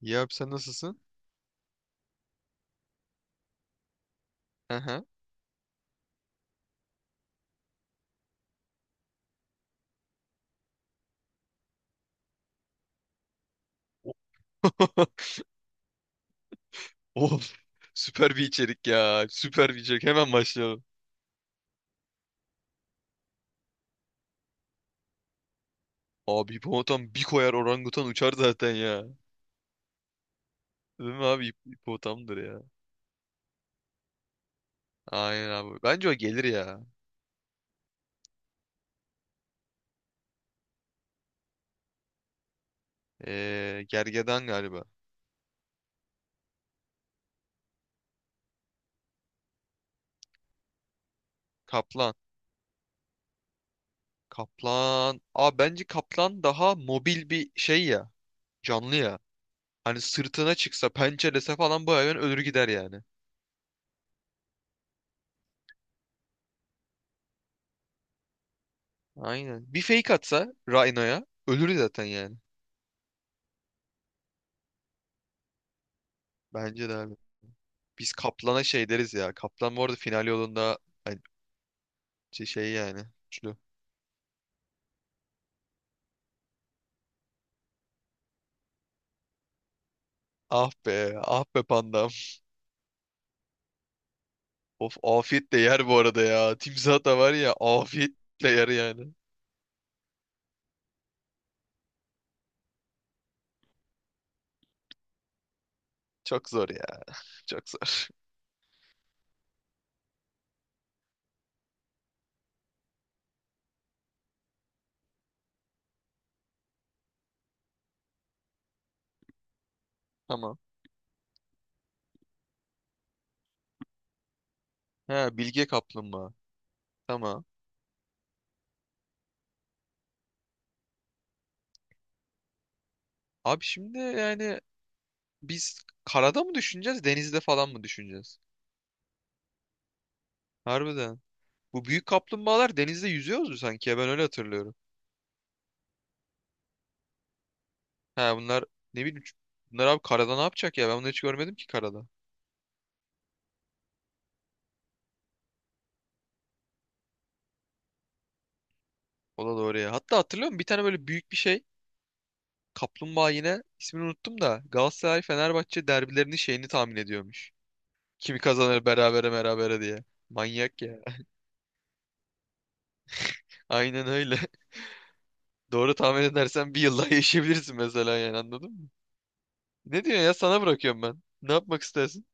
Ya abi sen nasılsın? Aha. Of. Süper bir içerik ya. Süper bir içerik. Hemen başlayalım. Abi hipopotam bir koyar orangutan uçar zaten ya. Değil mi abi? Hipopotamdır ya. Aynen abi. Bence o gelir ya. Gergedan galiba. Kaplan. Kaplan. Abi bence kaplan daha mobil bir şey ya. Canlı ya. Hani sırtına çıksa, pençelese falan bu hayvan ölür gider yani. Aynen. Bir fake atsa Rhino'ya ölür zaten yani. Bence de abi. Biz Kaplan'a şey deriz ya. Kaplan bu arada final yolunda, hani şey yani. Üçlü. Ah be, ah be pandam. Of, afiyet de yer bu arada ya. Timsah da var ya, afiyet de yer yani. Çok zor ya, çok zor. Tamam. He, Bilge Kaplumbağa. Tamam. Abi şimdi yani biz karada mı düşüneceğiz, denizde falan mı düşüneceğiz? Harbiden. Bu büyük kaplumbağalar denizde yüzüyordu sanki ya, ben öyle hatırlıyorum. He, bunlar, ne bileyim, bunlar abi karada ne yapacak ya, ben bunları hiç görmedim ki karada. O da doğru ya. Hatta hatırlıyor musun? Bir tane böyle büyük bir şey. Kaplumbağa, yine ismini unuttum da, Galatasaray Fenerbahçe derbilerinin şeyini tahmin ediyormuş. Kimi kazanır, berabere berabere diye. Manyak ya. Aynen öyle. Doğru tahmin edersen bir yıl daha yaşayabilirsin mesela, yani anladın mı? Ne diyorsun ya, sana bırakıyorum ben. Ne yapmak istersin?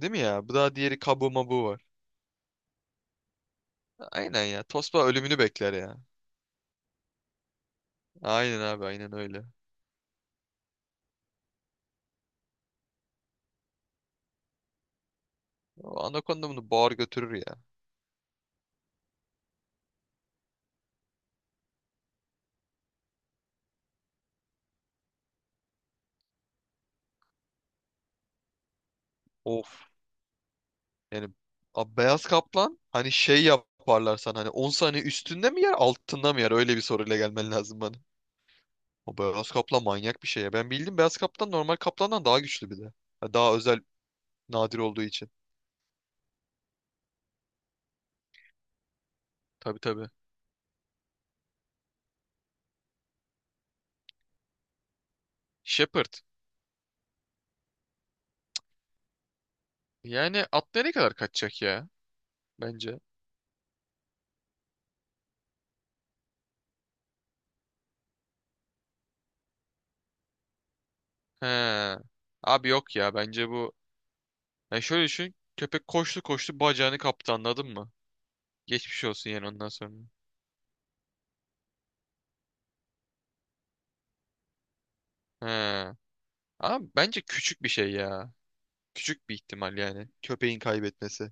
Değil mi ya? Bu daha, diğeri kabu mabu var. Aynen ya. Tosba ölümünü bekler ya. Aynen abi, aynen öyle. O anakonda bunu boğar götürür ya. Of. Yani abi beyaz kaplan, hani şey yaparlar sana, hani 10 saniye üstünde mi yer altında mı yer, öyle bir soruyla gelmen lazım bana. O beyaz kaplan manyak bir şey ya. Ben bildim, beyaz kaplan normal kaplandan daha güçlü bir de. Ha, daha özel, nadir olduğu için. Tabii tabii. Shepherd. Yani at nereye kadar kaçacak ya? Bence. He. Abi yok ya, bence bu. Yani şöyle düşün. Köpek koştu koştu, bacağını kaptı, anladın mı? Geçmiş olsun yani ondan sonra. He. Ama bence küçük bir şey ya. Küçük bir ihtimal yani. Köpeğin kaybetmesi.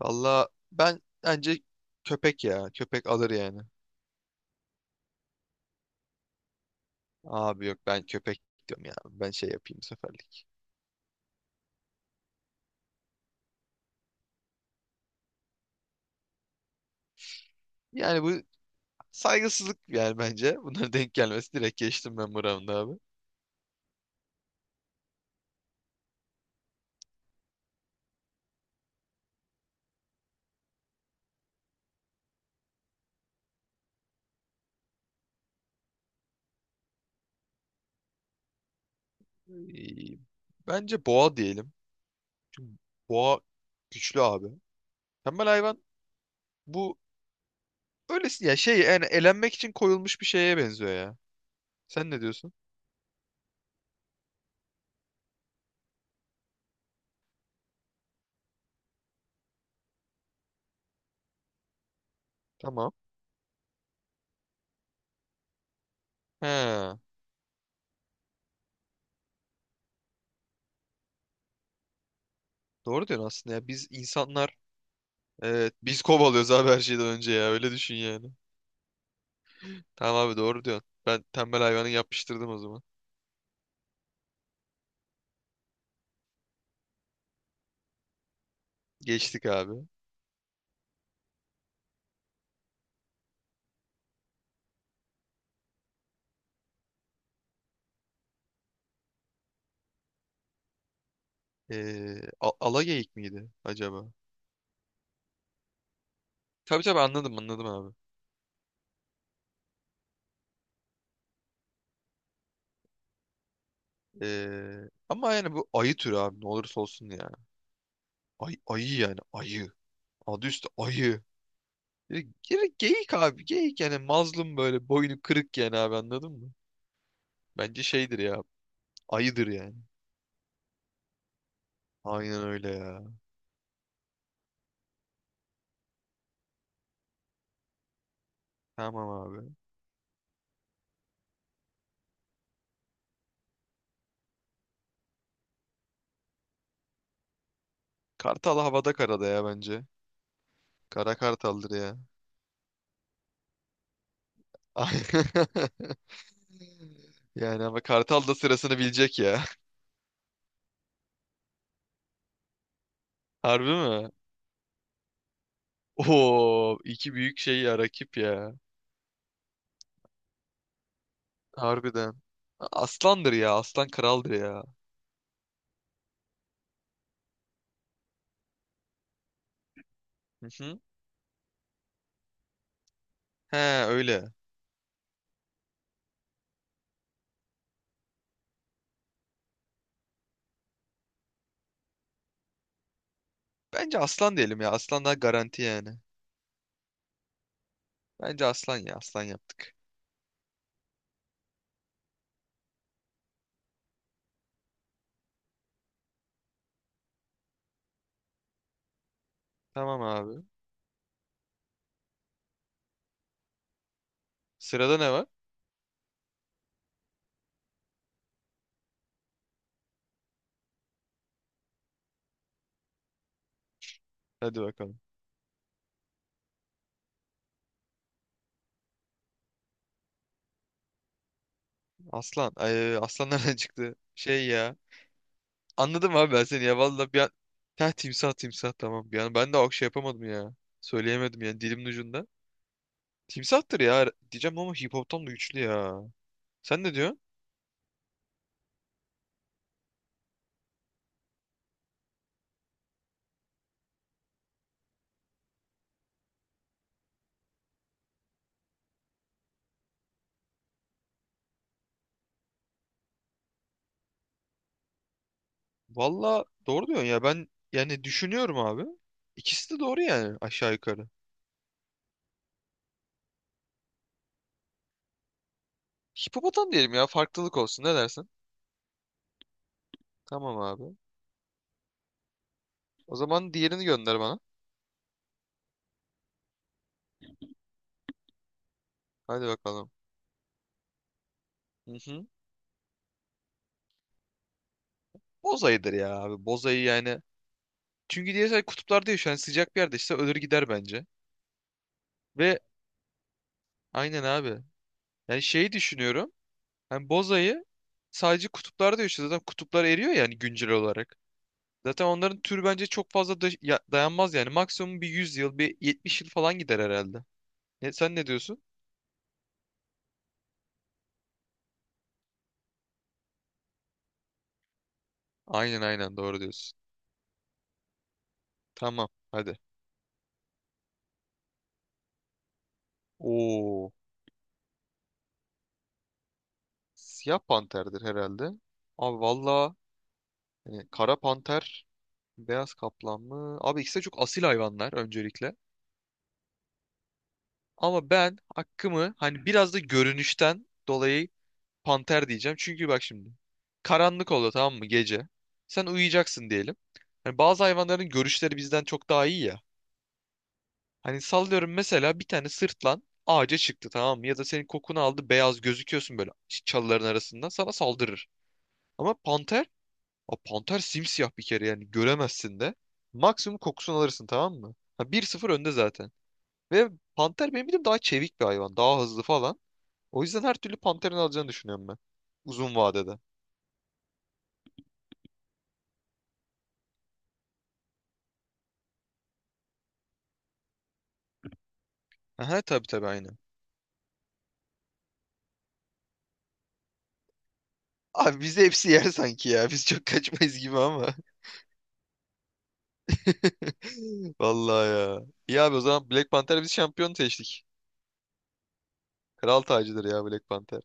Valla ben, bence köpek ya. Köpek alır yani. Abi yok, ben köpek diyorum ya. Ben şey yapayım bu seferlik. Yani bu saygısızlık yani bence. Bunlara denk gelmesi, direkt geçtim ben bu round'u abi. Ee, Bence boğa diyelim. Çünkü boğa güçlü abi. Tembel hayvan bu öylesi ya, şey yani elenmek için koyulmuş bir şeye benziyor ya. Sen ne diyorsun? Tamam. He. Doğru diyorsun aslında ya. Biz insanlar. Evet, biz kovalıyoruz abi her şeyden önce ya. Öyle düşün yani. Tamam abi, doğru diyorsun. Ben tembel hayvanı yapıştırdım o zaman. Geçtik abi. Alageyik miydi acaba? Tabii tabii, anladım anladım abi. Ama yani bu ayı türü abi, ne olursa olsun ya. Ay, ayı yani ayı. Adı üstü ayı. Geri, geyik abi, geyik yani, mazlum böyle, boynu kırık yani abi, anladın mı? Bence şeydir ya, ayıdır yani. Aynen öyle ya. Tamam abi. Kartal havada karada ya, bence. Kara kartaldır ya. Yani ama Kartal da sırasını bilecek ya. Harbi mi? Oo, iki büyük şey ya, rakip ya. Harbiden. Aslandır ya. Aslan kraldır ya. Hı hı. He, öyle. Bence aslan diyelim ya. Aslan daha garanti yani. Bence aslan ya. Aslan yaptık. Tamam abi. Sırada ne var? Hadi bakalım. Aslan. Ay, aslan nereden çıktı? Şey ya. Anladım abi ben seni ya. Valla bir an... Heh, timsah timsah tamam. Bir an ben de o şey yapamadım ya. Söyleyemedim yani, dilimin ucunda. Timsahtır ya diyeceğim, ama hip hop'tan da güçlü ya. Sen ne diyorsun? Valla doğru diyorsun ya, ben yani düşünüyorum abi. İkisi de doğru yani, aşağı yukarı. Hipopotam diyelim ya, farklılık olsun, ne dersin? Tamam abi. O zaman diğerini gönder bana. Hadi bakalım. Hı hı. Bozayıdır ya abi, bozayı yani. Çünkü diğer şey kutuplarda yaşıyor yani, sıcak bir yerde işte ölür gider bence. Ve aynen abi. Yani şeyi düşünüyorum. Hani bozayı sadece kutuplarda yaşıyor, zaten kutuplar eriyor yani, güncel olarak. Zaten onların türü bence çok fazla dayanmaz yani. Maksimum bir 100 yıl, bir 70 yıl falan gider herhalde. Ne, sen ne diyorsun? Aynen aynen, doğru diyorsun. Tamam hadi. Oo, siyah panterdir herhalde. Abi valla, hani kara panter, beyaz kaplan mı? Abi ikisi de çok asil hayvanlar öncelikle. Ama ben hakkımı, hani biraz da görünüşten dolayı, panter diyeceğim. Çünkü bak şimdi karanlık oldu, tamam mı, gece. Sen uyuyacaksın diyelim. Hani bazı hayvanların görüşleri bizden çok daha iyi ya. Hani sallıyorum, mesela bir tane sırtlan ağaca çıktı, tamam mı? Ya da senin kokunu aldı, beyaz gözüküyorsun böyle, çalıların arasından sana saldırır. Ama panter, panter simsiyah bir kere yani, göremezsin de. Maksimum kokusunu alırsın, tamam mı? Ha, 1-0 önde zaten. Ve panter benim bildiğim daha çevik bir hayvan. Daha hızlı falan. O yüzden her türlü panterin alacağını düşünüyorum ben. Uzun vadede. Aha, tabii tabii, aynen. Abi bizi hepsi yer sanki ya. Biz çok kaçmayız gibi, ama. Vallahi ya. İyi abi, o zaman Black Panther biz şampiyon seçtik. Kral tacıdır ya Black Panther.